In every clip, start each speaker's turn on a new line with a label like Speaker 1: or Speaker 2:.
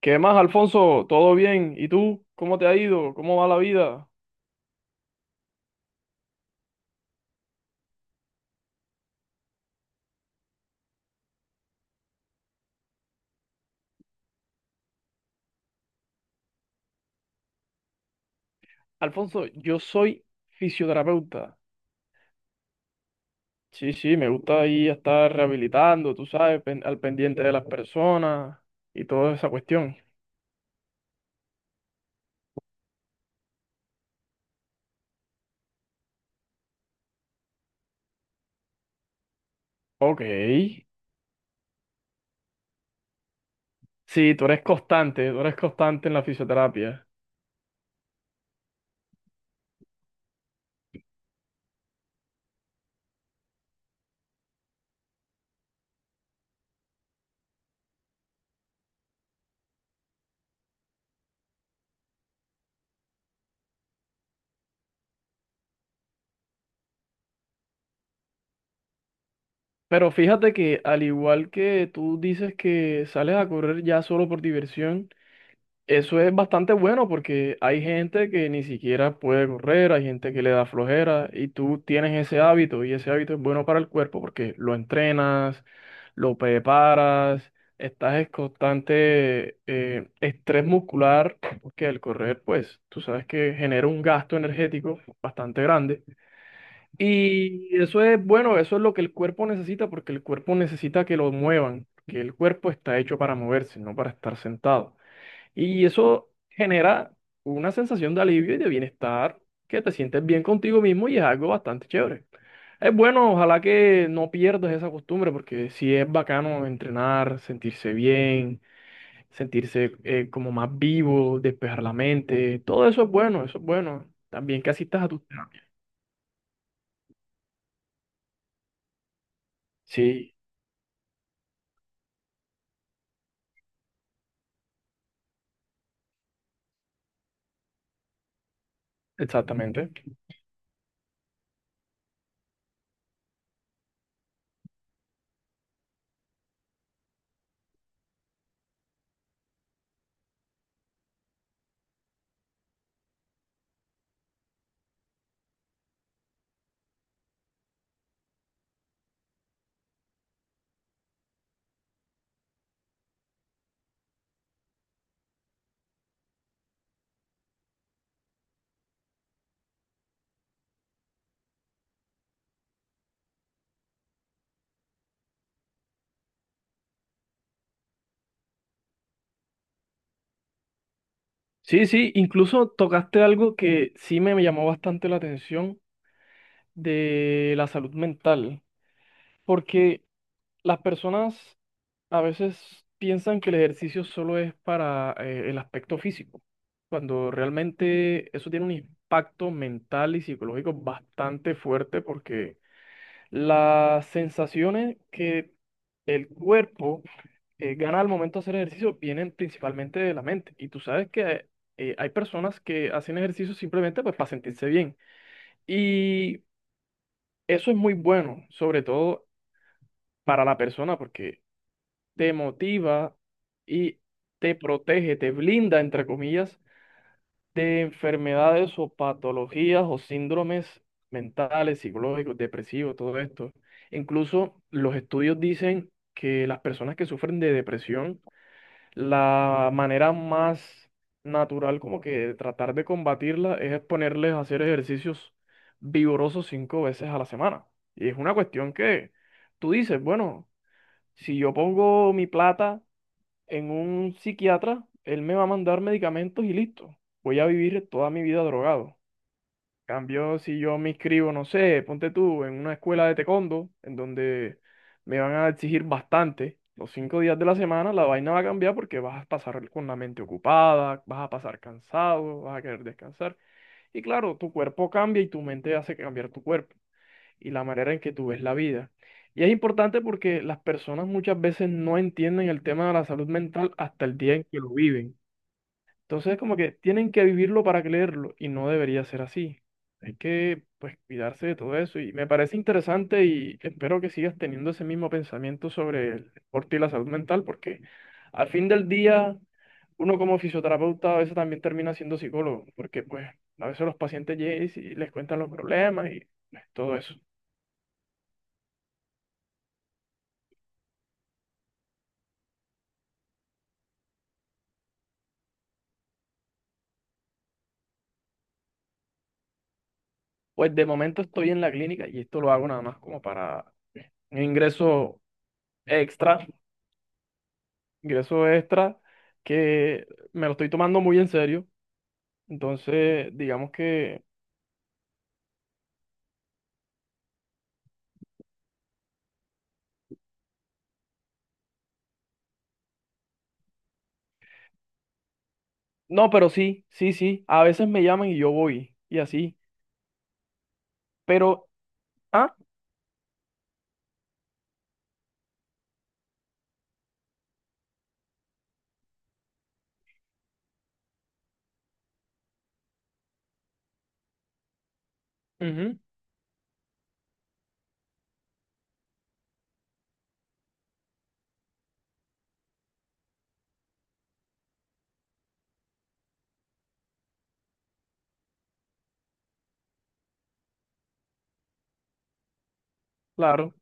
Speaker 1: ¿Qué más, Alfonso? ¿Todo bien? ¿Y tú? ¿Cómo te ha ido? ¿Cómo va la vida? Alfonso, yo soy fisioterapeuta. Sí, sí, me gusta ahí estar rehabilitando, tú sabes, al pendiente de las personas y toda esa cuestión. Ok. Sí, tú eres constante en la fisioterapia. Pero fíjate que al igual que tú dices que sales a correr ya solo por diversión, eso es bastante bueno porque hay gente que ni siquiera puede correr, hay gente que le da flojera y tú tienes ese hábito y ese hábito es bueno para el cuerpo porque lo entrenas, lo preparas, estás en constante estrés muscular porque el correr pues tú sabes que genera un gasto energético bastante grande y eso es bueno, eso es lo que el cuerpo necesita porque el cuerpo necesita que lo muevan, que el cuerpo está hecho para moverse, no para estar sentado. Y eso genera una sensación de alivio y de bienestar, que te sientes bien contigo mismo y es algo bastante chévere. Es bueno, ojalá que no pierdas esa costumbre, porque sí es bacano entrenar, sentirse bien, sentirse como más vivo, despejar la mente, todo eso es bueno, eso es bueno. También que asistas a tus terapias. Sí, exactamente. Sí, sí, incluso tocaste algo que sí me llamó bastante la atención de la salud mental, porque... Las personas a veces piensan que el ejercicio solo es para el aspecto físico, cuando realmente eso tiene un impacto mental y psicológico bastante fuerte porque las sensaciones que el cuerpo gana al momento de hacer ejercicio vienen principalmente de la mente. Y tú sabes que hay personas que hacen ejercicio simplemente pues, para sentirse bien. Y eso es muy bueno, sobre todo para la persona, porque... te motiva y te protege, te blinda, entre comillas, de enfermedades o patologías o síndromes mentales, psicológicos, depresivos, todo esto. Incluso los estudios dicen que las personas que sufren de depresión, la manera más natural como que de tratar de combatirla es ponerles a hacer ejercicios vigorosos cinco veces a la semana. Y es una cuestión que tú dices, bueno, si yo pongo mi plata en un psiquiatra, él me va a mandar medicamentos y listo. Voy a vivir toda mi vida drogado. Cambio, si yo me inscribo, no sé, ponte tú, en una escuela de taekwondo, en donde me van a exigir bastante, los 5 días de la semana, la vaina va a cambiar porque vas a pasar con la mente ocupada, vas a pasar cansado, vas a querer descansar. Y claro, tu cuerpo cambia y tu mente hace cambiar tu cuerpo y la manera en que tú ves la vida. Y es importante porque las personas muchas veces no entienden el tema de la salud mental hasta el día en que lo viven. Entonces, como que tienen que vivirlo para creerlo y no debería ser así. Hay que, pues, cuidarse de todo eso y me parece interesante y espero que sigas teniendo ese mismo pensamiento sobre el deporte y la salud mental porque al fin del día uno como fisioterapeuta a veces también termina siendo psicólogo porque, pues, a veces los pacientes llegan y les cuentan los problemas y pues, todo eso. Pues de momento estoy en la clínica y esto lo hago nada más como para un extra, ingreso extra que me lo estoy tomando muy en serio. Entonces, digamos que... No, pero sí, sí, sí. A veces me llaman y yo voy y así. Pero, ah, ujú, claro.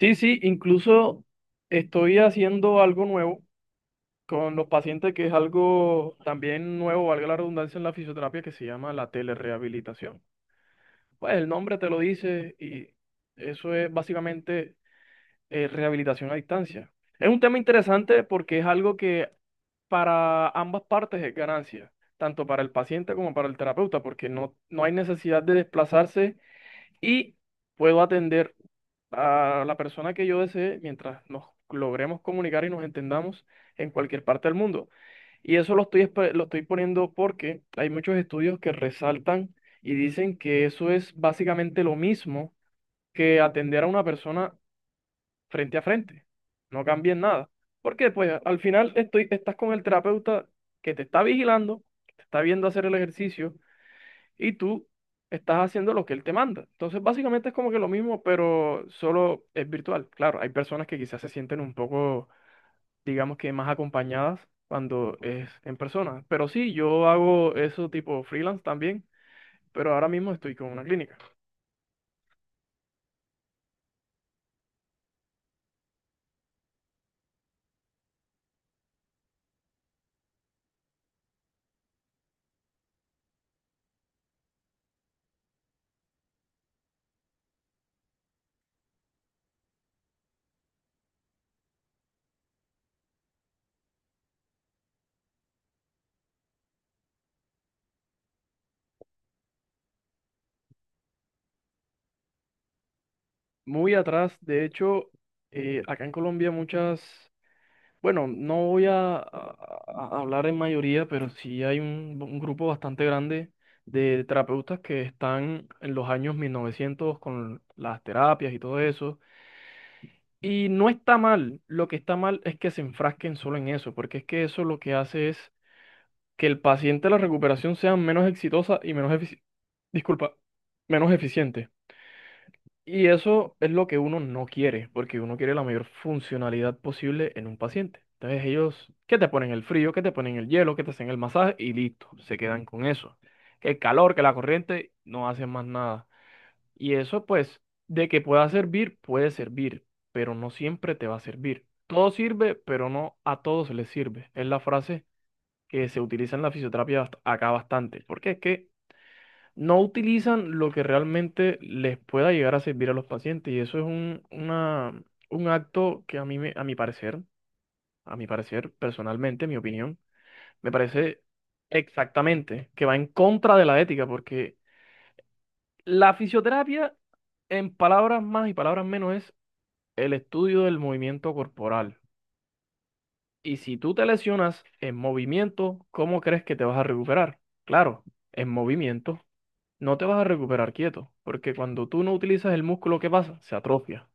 Speaker 1: Sí, sí, incluso estoy haciendo algo nuevo con los pacientes que es algo también nuevo, valga la redundancia, en la fisioterapia que se llama la telerehabilitación. Pues el nombre te lo dice y eso es básicamente rehabilitación a distancia. Es un tema interesante porque es algo que para ambas partes es ganancia, tanto para el paciente como para el terapeuta, porque no, no hay necesidad de desplazarse y puedo atender a la persona que yo desee mientras nos logremos comunicar y nos entendamos en cualquier parte del mundo. Y eso lo estoy, lo estoy poniendo porque hay muchos estudios que resaltan y dicen que eso es básicamente lo mismo que atender a una persona frente a frente. No cambia en nada. Porque pues al final estoy, estás con el terapeuta que te está vigilando, que te está viendo hacer el ejercicio y tú estás haciendo lo que él te manda. Entonces básicamente es como que lo mismo, pero solo es virtual. Claro, hay personas que quizás se sienten un poco digamos que más acompañadas cuando es en persona. Pero sí, yo hago eso tipo freelance también, pero ahora mismo estoy con una clínica. Muy atrás, de hecho, acá en Colombia muchas, bueno, no voy a hablar en mayoría, pero sí hay un, grupo bastante grande de terapeutas que están en los años 1900 con las terapias y todo eso. Y no está mal, lo que está mal es que se enfrasquen solo en eso, porque es que eso lo que hace es que el paciente, la recuperación sea menos exitosa y menos disculpa, menos eficiente. Y eso es lo que uno no quiere, porque uno quiere la mayor funcionalidad posible en un paciente. Entonces ellos, que te ponen el frío, que te ponen el hielo, que te hacen el masaje y listo, se quedan con eso. Que el calor, que la corriente, no hacen más nada. Y eso pues, de que pueda servir, puede servir, pero no siempre te va a servir. Todo sirve, pero no a todos les sirve. Es la frase que se utiliza en la fisioterapia acá bastante, porque es que no utilizan lo que realmente les pueda llegar a servir a los pacientes y eso es un, un acto que a mi parecer, personalmente, mi opinión, me parece exactamente que va en contra de la ética, porque la fisioterapia, en palabras más y palabras menos, es el estudio del movimiento corporal. Y si tú te lesionas en movimiento, ¿cómo crees que te vas a recuperar? Claro, en movimiento. No te vas a recuperar quieto, porque cuando tú no utilizas el músculo, ¿qué pasa? Se atrofia.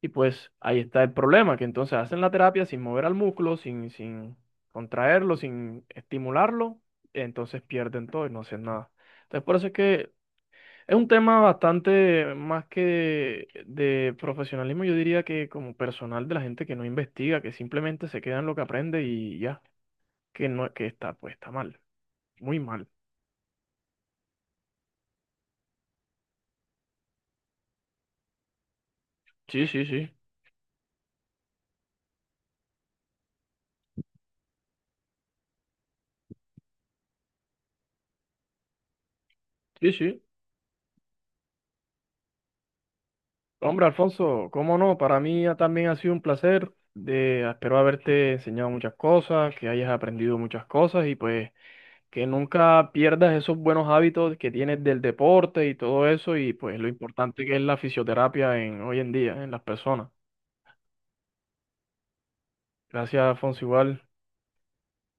Speaker 1: Y pues ahí está el problema, que entonces hacen la terapia sin mover al músculo, sin contraerlo, sin estimularlo, entonces pierden todo y no hacen nada. Entonces por eso es que es un tema bastante más que de profesionalismo, yo diría que como personal de la gente que no investiga, que simplemente se queda en lo que aprende y ya, que no, que está, pues está mal, muy mal. Sí, sí, sí. Sí, sí. Hombre, Alfonso, cómo no, para mí también ha sido un placer. De, espero haberte enseñado muchas cosas, que hayas aprendido muchas cosas y pues que nunca pierdas esos buenos hábitos que tienes del deporte y todo eso y pues lo importante que es la fisioterapia en, hoy en día en las personas. Gracias, Alfonso, igual.